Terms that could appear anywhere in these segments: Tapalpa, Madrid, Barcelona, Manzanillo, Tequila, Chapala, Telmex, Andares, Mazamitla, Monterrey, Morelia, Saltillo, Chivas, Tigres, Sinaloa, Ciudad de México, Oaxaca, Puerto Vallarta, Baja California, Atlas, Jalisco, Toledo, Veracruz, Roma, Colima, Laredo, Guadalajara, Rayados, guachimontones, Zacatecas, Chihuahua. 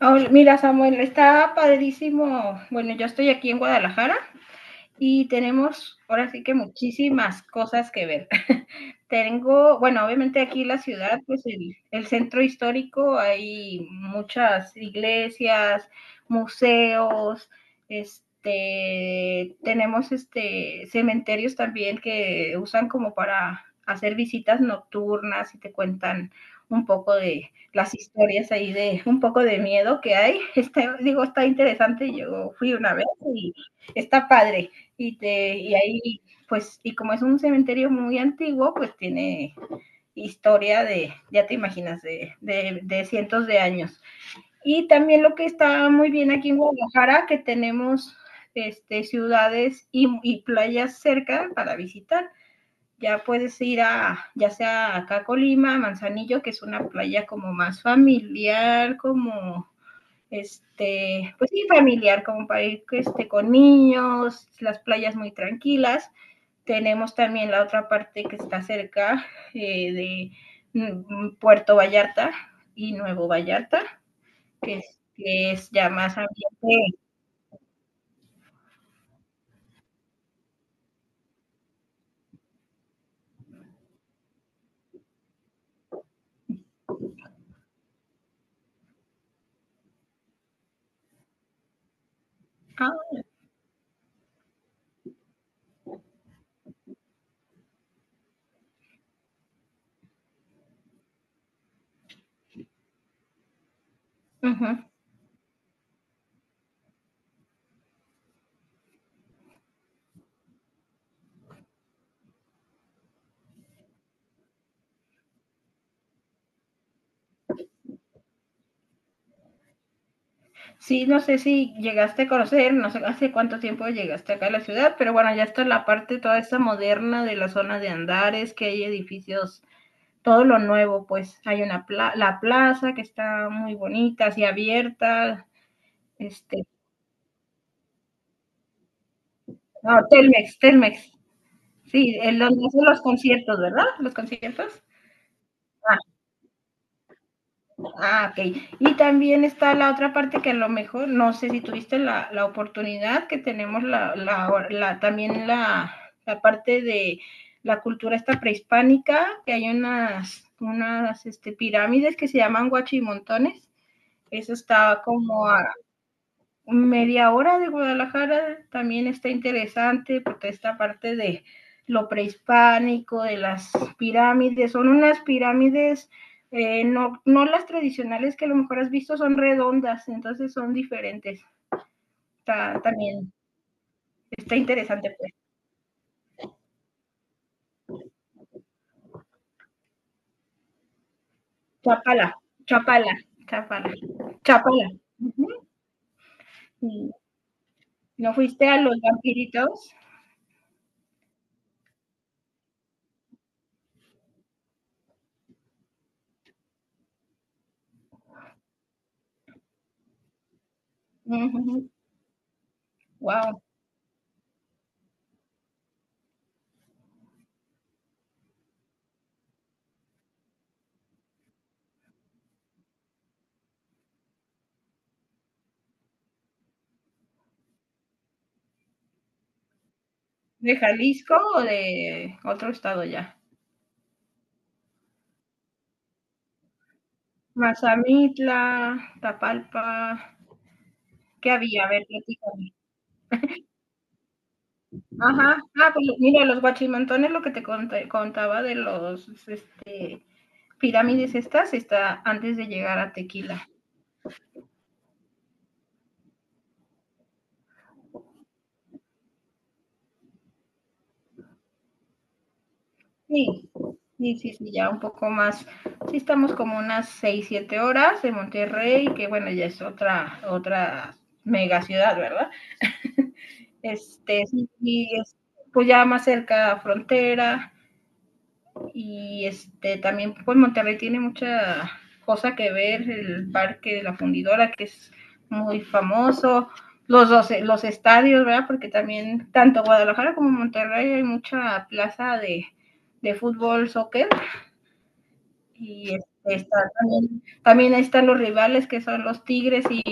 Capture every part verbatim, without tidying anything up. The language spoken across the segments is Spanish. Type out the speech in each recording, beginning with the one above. Oh, mira, Samuel, está padrísimo. Bueno, yo estoy aquí en Guadalajara y tenemos ahora sí que muchísimas cosas que ver. Tengo, bueno, obviamente aquí la ciudad, pues el, el centro histórico, hay muchas iglesias, museos, este, tenemos este cementerios también que usan como para hacer visitas nocturnas y te cuentan un poco de las historias ahí de un poco de miedo que hay. Está, digo, está interesante. Yo fui una vez y está padre. Y, te, y ahí pues, y como es un cementerio muy antiguo, pues tiene historia de, ya te imaginas, de, de, de cientos de años. Y también lo que está muy bien aquí en Guadalajara, que tenemos este, ciudades y, y playas cerca para visitar. Ya puedes ir a, ya sea acá a Colima, Manzanillo, que es una playa como más familiar, como este, pues sí, familiar, como para ir este, con niños, las playas muy tranquilas. Tenemos también la otra parte que está cerca eh, de mm, Puerto Vallarta y Nuevo Vallarta, que es, que es ya más ambiente. Ah, uh -huh. Sí, no sé si llegaste a conocer, no sé hace cuánto tiempo llegaste acá a la ciudad, pero bueno, ya está la parte toda esta moderna de la zona de Andares, que hay edificios todo lo nuevo, pues hay una pla la plaza que está muy bonita, así abierta, este, no, Telmex, Telmex. Sí, el donde hacen los conciertos, ¿verdad? Los conciertos. Ah, ah, ok. Y también está la otra parte que a lo mejor, no sé si tuviste la, la oportunidad que tenemos la, la, la también la, la parte de la cultura esta prehispánica, que hay unas, unas este, pirámides que se llaman guachimontones. Eso está como a media hora de Guadalajara, también está interesante porque esta parte de lo prehispánico, de las pirámides, son unas pirámides, eh, no, no las tradicionales que a lo mejor has visto, son redondas, entonces son diferentes. Está, también está interesante, pues. Chapala, Chapala, Chapala, Chapala. Ujú. Y ¿no fuiste a los vampiritos? Ujú. Wow. ¿De Jalisco o de otro estado ya? Mazamitla, Tapalpa, ¿qué había? A ver, platícame. Ajá, ah, pues mira, los guachimantones, lo que te conté- contaba de los este, pirámides estas, está antes de llegar a Tequila. Sí, sí, sí, sí, ya un poco más. Sí, estamos como unas seis, siete horas de Monterrey, que bueno, ya es otra, otra mega ciudad, ¿verdad? Este, sí, sí, es, pues ya más cerca a frontera. Y este también pues Monterrey tiene mucha cosa que ver, el parque de la fundidora que es muy famoso, los, los, los estadios, ¿verdad? Porque también tanto Guadalajara como Monterrey hay mucha plaza de, de fútbol, soccer, y este, está, también, también están los rivales que son los Tigres y,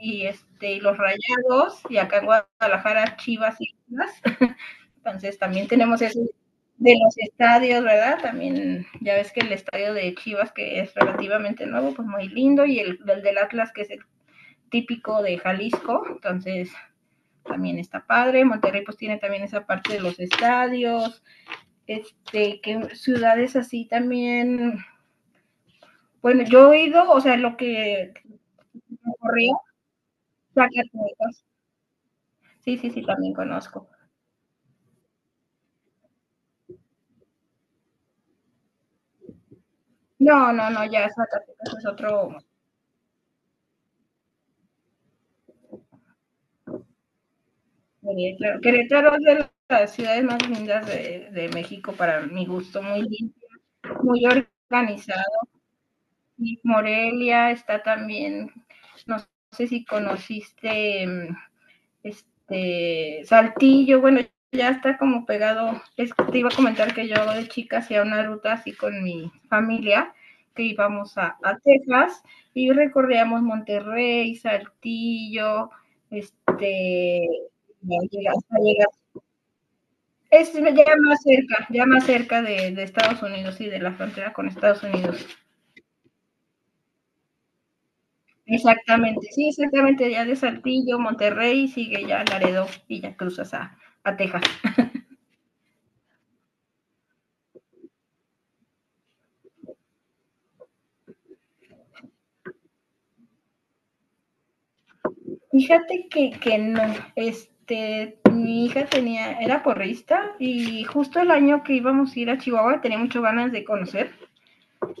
y este, y los Rayados, y acá en Guadalajara Chivas y Chivas. Entonces también tenemos eso de los estadios, ¿verdad? También ya ves que el estadio de Chivas, que es relativamente nuevo, pues muy lindo, y el, el del Atlas, que es el típico de Jalisco, entonces también está padre. Monterrey pues tiene también esa parte de los estadios, este, que ciudades así también. Bueno, yo he ido, o sea, lo que me ocurrió, Zacatecas. Sí, sí, sí, también conozco. No, no, no, ya Zacatecas es otro. Sí, claro. Querétaro es de las ciudades más lindas de, de México para mi gusto, muy limpio, muy organizado. Y Morelia está también, no sé si conociste este Saltillo, bueno, ya está como pegado. Es, que te iba a comentar que yo de chica hacía una ruta así con mi familia, que íbamos a, a Texas y recorríamos Monterrey, Saltillo, este, hasta llegar. Es ya más cerca, ya más cerca de, de Estados Unidos y sí, de la frontera con Estados Unidos. Exactamente, sí, exactamente, ya de Saltillo, Monterrey, sigue ya Laredo y ya cruzas a, a Texas. Fíjate que, que no, este, mi hija tenía, era porrista y justo el año que íbamos a ir a Chihuahua tenía muchas ganas de conocer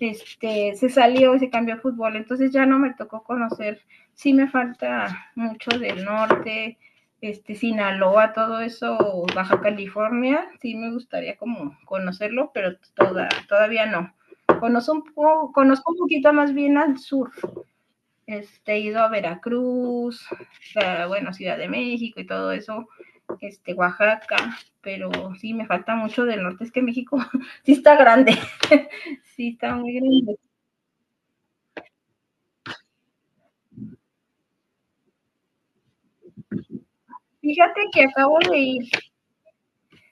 este, se salió y se cambió a fútbol, entonces ya no me tocó conocer, sí me falta mucho del norte, este, Sinaloa, todo eso, Baja California, sí me gustaría como conocerlo, pero toda, todavía no. Conozco un, poco, conozco un poquito más bien al sur, este, he ido a Veracruz, a, bueno, Ciudad de México y todo eso, este, Oaxaca, pero sí me falta mucho del norte, es que México sí está grande, sí está muy grande. Fíjate que acabo de ir,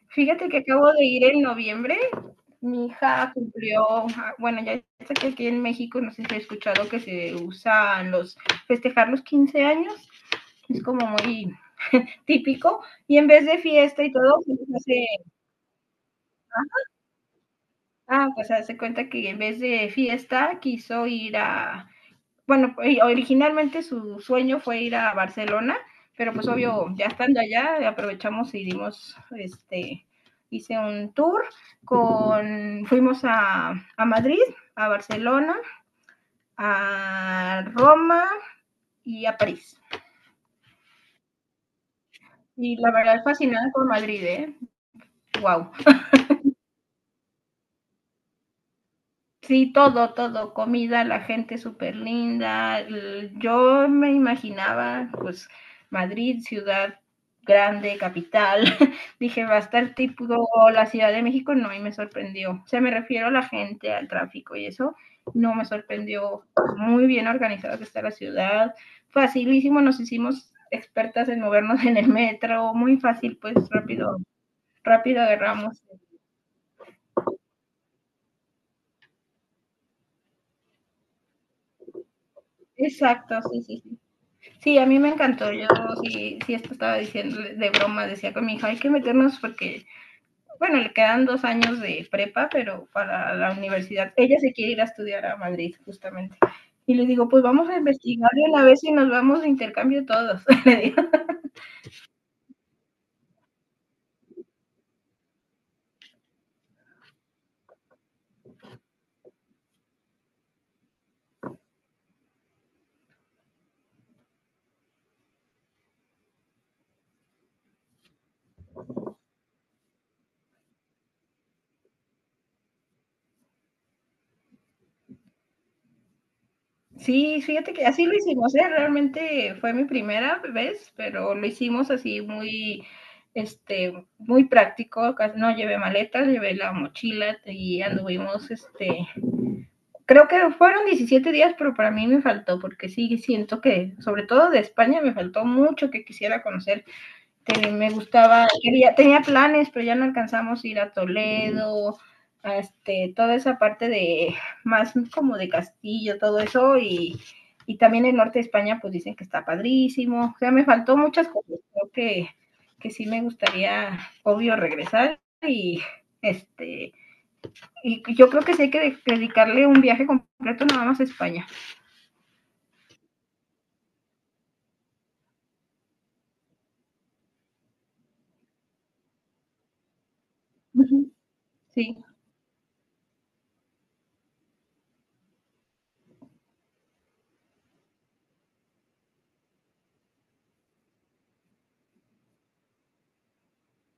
fíjate que acabo de ir en noviembre. Mi hija cumplió, ah, bueno, ya sé que aquí en México, no sé si he escuchado que se usan los, festejar los quince años, es como muy típico, y en vez de fiesta y todo, pues hace, ah, pues hace cuenta que en vez de fiesta quiso ir a, bueno, originalmente su sueño fue ir a Barcelona, pero pues obvio, ya estando allá, aprovechamos y dimos, este, hice un tour con, fuimos a, a Madrid, a Barcelona, a Roma y a París. Y la verdad, fascinada con Madrid, ¿eh? ¡Wow! Sí, todo, todo, comida, la gente súper linda. l- Yo me imaginaba, pues, Madrid, ciudad grande, capital. Dije, va a estar tipo la Ciudad de México, no, y me sorprendió. O sea, me refiero a la gente, al tráfico y eso, no me sorprendió. Muy bien organizada que está la ciudad, facilísimo, nos hicimos expertas en movernos en el metro, muy fácil, pues, rápido, rápido agarramos. Exacto, sí, sí, sí. Sí, a mí me encantó. Yo sí, sí esto estaba diciendo de broma, decía con mi hija, hay que meternos porque, bueno, le quedan dos años de prepa, pero para la universidad. Ella se quiere ir a estudiar a Madrid, justamente. Y le digo, pues vamos a investigar de una vez y nos vamos de intercambio todos. Le digo. Sí, fíjate que así lo hicimos, ¿eh? Realmente fue mi primera vez, pero lo hicimos así muy, este, muy práctico. Casi no llevé maletas, llevé la mochila y anduvimos, este, creo que fueron diecisiete días, pero para mí me faltó, porque sí siento que, sobre todo de España, me faltó mucho que quisiera conocer. Que me gustaba, quería, tenía planes, pero ya no alcanzamos a ir a Toledo, a este, toda esa parte de más como de Castillo, todo eso, y, y también el norte de España, pues dicen que está padrísimo. O sea, me faltó muchas cosas. Creo que, que sí me gustaría, obvio, regresar y este y yo creo que sí hay que dedicarle un viaje completo nada más a España. Uh -huh. Sí,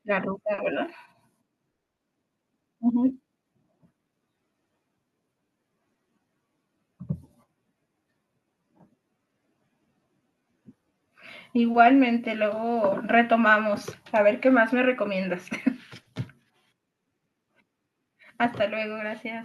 la ruta, ¿verdad? Uh -huh. Igualmente, luego retomamos. A ver qué más me recomiendas. Hasta luego, gracias.